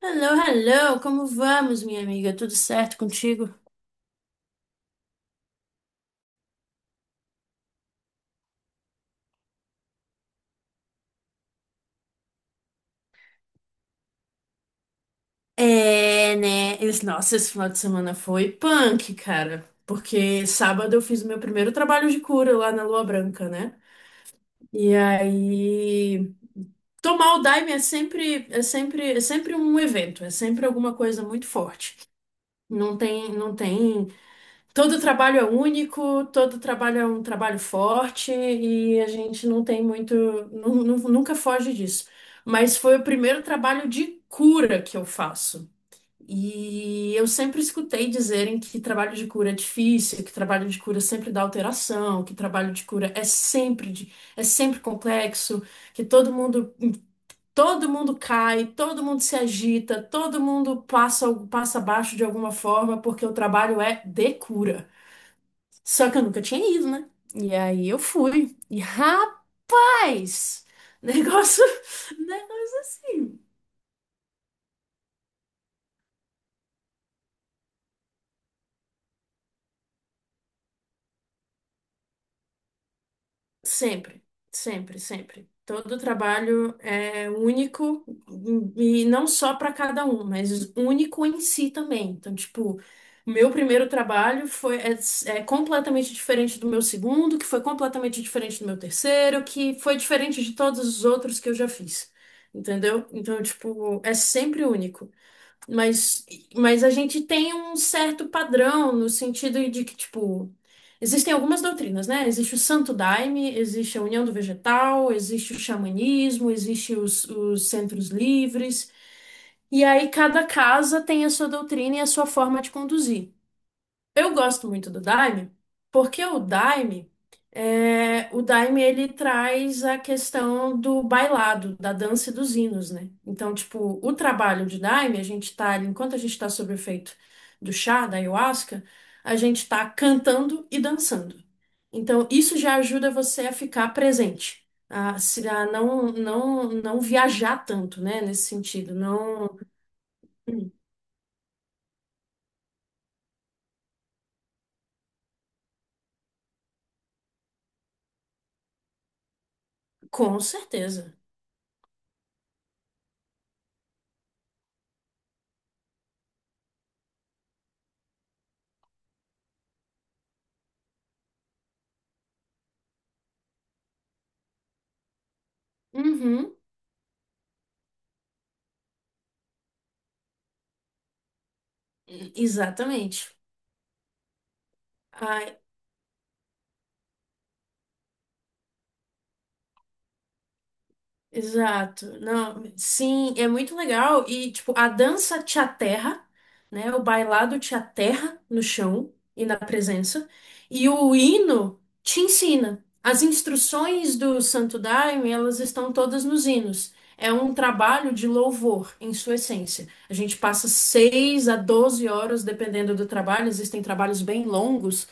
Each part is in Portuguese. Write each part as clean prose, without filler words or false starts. Hello, hello, como vamos, minha amiga? Tudo certo contigo? É, né? Nossa, esse final de semana foi punk, cara. Porque sábado eu fiz o meu primeiro trabalho de cura lá na Lua Branca, né? E aí, tomar o Daime é sempre, é sempre um evento, é sempre alguma coisa muito forte. Não tem. Todo trabalho é único, todo trabalho é um trabalho forte e a gente não tem muito, nunca foge disso. Mas foi o primeiro trabalho de cura que eu faço. E eu sempre escutei dizerem que trabalho de cura é difícil, que trabalho de cura sempre dá alteração, que trabalho de cura é sempre, é sempre complexo, que todo mundo cai, todo mundo se agita, todo mundo passa, passa abaixo de alguma forma, porque o trabalho é de cura. Só que eu nunca tinha ido, né? E aí eu fui. E rapaz, negócio, né? Assim, sempre, sempre, sempre. Todo trabalho é único e não só para cada um, mas único em si também. Então, tipo, o meu primeiro trabalho foi é completamente diferente do meu segundo, que foi completamente diferente do meu terceiro, que foi diferente de todos os outros que eu já fiz. Entendeu? Então, tipo, é sempre único. Mas, mas a gente tem um certo padrão no sentido de que, tipo, existem algumas doutrinas, né? Existe o Santo Daime, existe a União do Vegetal, existe o xamanismo, existe os centros livres. E aí cada casa tem a sua doutrina e a sua forma de conduzir. Eu gosto muito do Daime, porque o Daime, é, o Daime ele traz a questão do bailado, da dança e dos hinos, né? Então, tipo, o trabalho de Daime, a gente tá ali, enquanto a gente tá sob o efeito do chá, da ayahuasca, a gente tá cantando e dançando. Então, isso já ajuda você a ficar presente, a, a não viajar tanto, né? Nesse sentido, não. Com certeza. Uhum, exatamente. Ai, exato. Não, sim, é muito legal. E, tipo, a dança te aterra, né? O bailado te aterra no chão e na presença. E o hino te ensina. As instruções do Santo Daime, elas estão todas nos hinos. É um trabalho de louvor, em sua essência. A gente passa 6 a 12 horas, dependendo do trabalho. Existem trabalhos bem longos,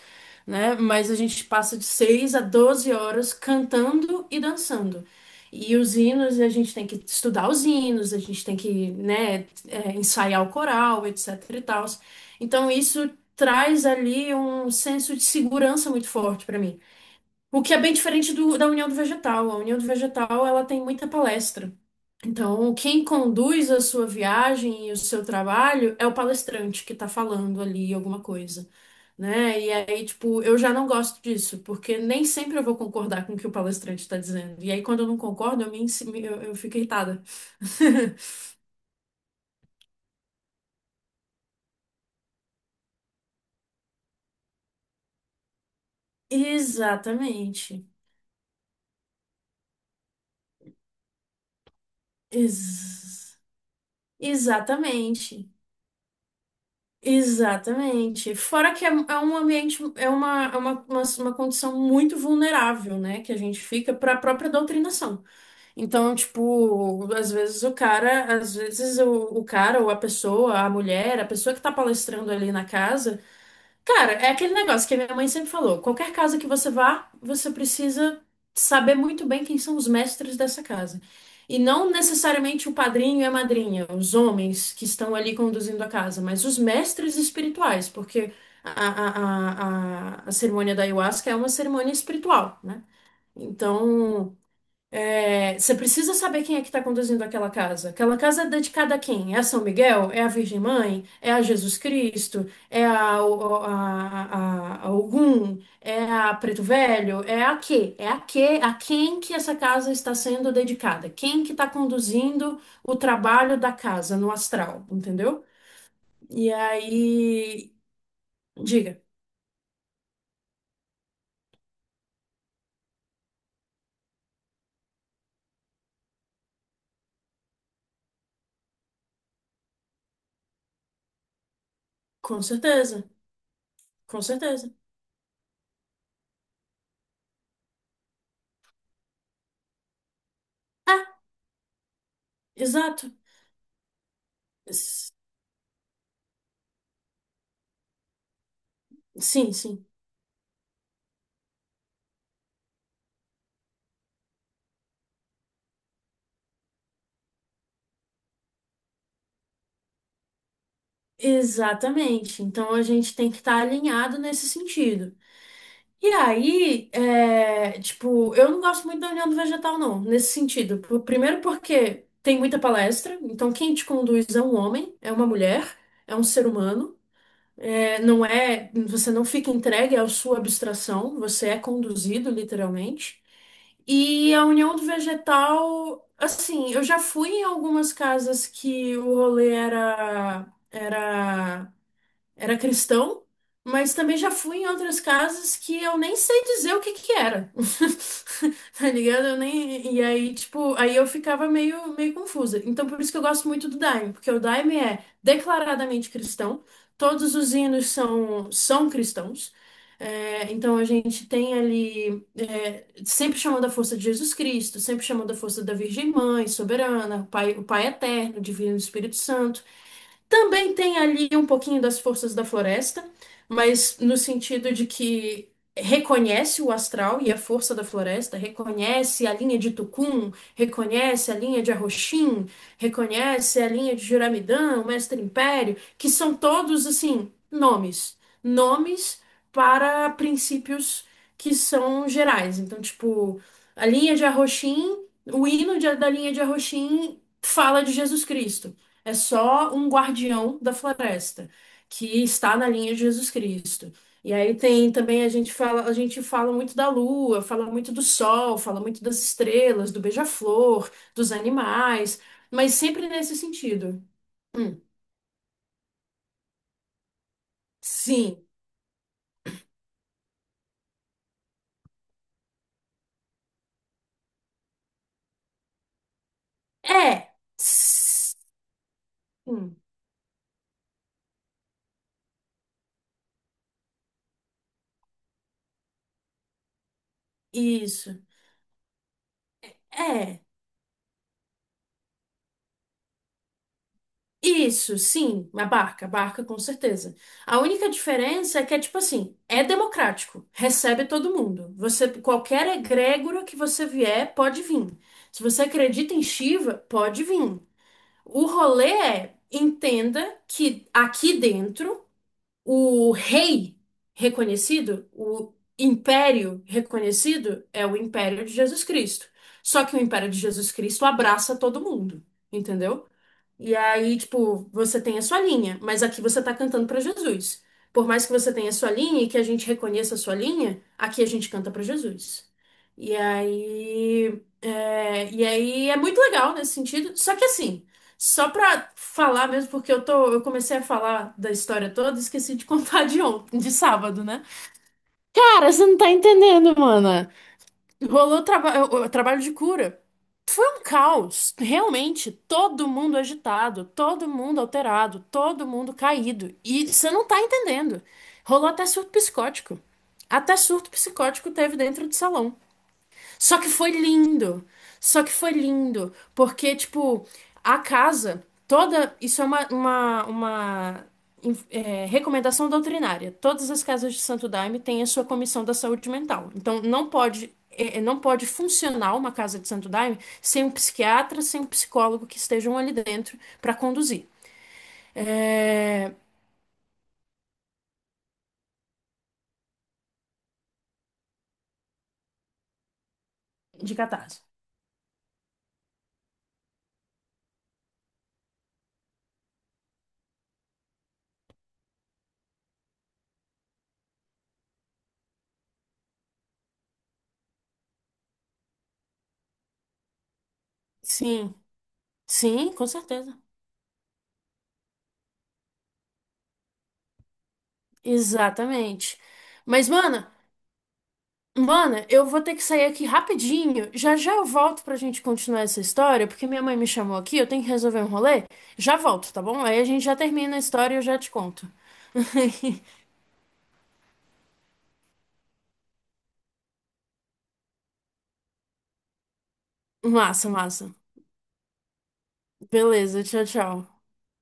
né? Mas a gente passa de 6 a 12 horas cantando e dançando. E os hinos, a gente tem que estudar os hinos, a gente tem que, né, é, ensaiar o coral, etc e tal. Então, isso traz ali um senso de segurança muito forte para mim. O que é bem diferente da União do Vegetal. A União do Vegetal, ela tem muita palestra. Então, quem conduz a sua viagem e o seu trabalho é o palestrante que está falando ali alguma coisa, né? E aí, tipo, eu já não gosto disso, porque nem sempre eu vou concordar com o que o palestrante está dizendo. E aí, quando eu não concordo, eu fico irritada. Exatamente. Ex- Exatamente. Exatamente. Fora que é um ambiente, uma condição muito vulnerável, né? Que a gente fica para a própria doutrinação. Então, tipo, às vezes o cara, às vezes o cara ou a pessoa, a mulher, a pessoa que tá palestrando ali na casa, cara, é aquele negócio que a minha mãe sempre falou: qualquer casa que você vá, você precisa saber muito bem quem são os mestres dessa casa. E não necessariamente o padrinho e a madrinha, os homens que estão ali conduzindo a casa, mas os mestres espirituais, porque a cerimônia da ayahuasca é uma cerimônia espiritual, né? Então. É, você precisa saber quem é que está conduzindo aquela casa. Aquela casa é dedicada a quem? É a São Miguel? É a Virgem Mãe? É a Jesus Cristo? É a, a Ogum? É a Preto Velho? É a quê? É a quê? A quem que essa casa está sendo dedicada? Quem que está conduzindo o trabalho da casa no astral, entendeu? E aí, diga, com certeza, com certeza. É, exato. S- Sim, sim. Exatamente. Então a gente tem que estar alinhado nesse sentido. E aí, é, tipo, eu não gosto muito da União do Vegetal, não, nesse sentido. Primeiro porque tem muita palestra, então quem te conduz é um homem, é uma mulher, é um ser humano. É, não é, você não fica entregue à sua abstração, você é conduzido, literalmente. E a União do Vegetal, assim, eu já fui em algumas casas que o rolê era cristão, mas também já fui em outras casas que eu nem sei dizer o que que era. Tá ligado? Eu nem. E aí, tipo, aí eu ficava meio, meio confusa. Então, por isso que eu gosto muito do Daime, porque o Daime é declaradamente cristão, todos os hinos são, são cristãos. É, então a gente tem ali é, sempre chamando a força de Jesus Cristo, sempre chamando a força da Virgem Mãe, soberana, o Pai Eterno, Divino Espírito Santo. Também tem ali um pouquinho das forças da floresta, mas no sentido de que reconhece o astral e a força da floresta, reconhece a linha de Tucum, reconhece a linha de Arroxim, reconhece a linha de Juramidã, Mestre Império, que são todos assim nomes, nomes para princípios que são gerais. Então, tipo, a linha de Arroxim, o hino da linha de Arroxim fala de Jesus Cristo. É só um guardião da floresta que está na linha de Jesus Cristo. E aí tem também a gente fala muito da lua, fala muito do sol, fala muito das estrelas, do beija-flor, dos animais, mas sempre nesse sentido. Hum, sim. É. Sim. Isso. É. Isso, sim, a barca com certeza. A única diferença é que é tipo assim, é democrático, recebe todo mundo. Você, qualquer egrégora que você vier, pode vir. Se você acredita em Shiva, pode vir. O rolê é, entenda que aqui dentro, o rei reconhecido, o império reconhecido é o império de Jesus Cristo. Só que o império de Jesus Cristo abraça todo mundo, entendeu? E aí, tipo, você tem a sua linha, mas aqui você tá cantando pra Jesus. Por mais que você tenha a sua linha e que a gente reconheça a sua linha, aqui a gente canta pra Jesus. E aí é muito legal nesse sentido. Só que assim, só pra falar mesmo, porque eu tô, eu comecei a falar da história toda, esqueci de contar de ontem, de sábado, né? Cara, você não tá entendendo, mano. Rolou o trabalho de cura. Foi um caos, realmente. Todo mundo agitado, todo mundo alterado, todo mundo caído. E você não tá entendendo. Rolou até surto psicótico. Até surto psicótico teve dentro do salão. Só que foi lindo. Só que foi lindo. Porque, tipo, a casa toda. Isso é uma é, recomendação doutrinária. Todas as casas de Santo Daime têm a sua comissão da saúde mental. Então, não pode. Não pode funcionar uma casa de Santo Daime sem um psiquiatra, sem um psicólogo que estejam ali dentro para conduzir. É, de catarse. Sim, sim, com certeza. Exatamente. Mas, mano, Mana, eu vou ter que sair aqui rapidinho. Já já eu volto pra gente continuar essa história, porque minha mãe me chamou aqui, eu tenho que resolver um rolê. Já volto, tá bom? Aí a gente já termina a história e eu já te conto. Massa, massa. Beleza, tchau, tchau.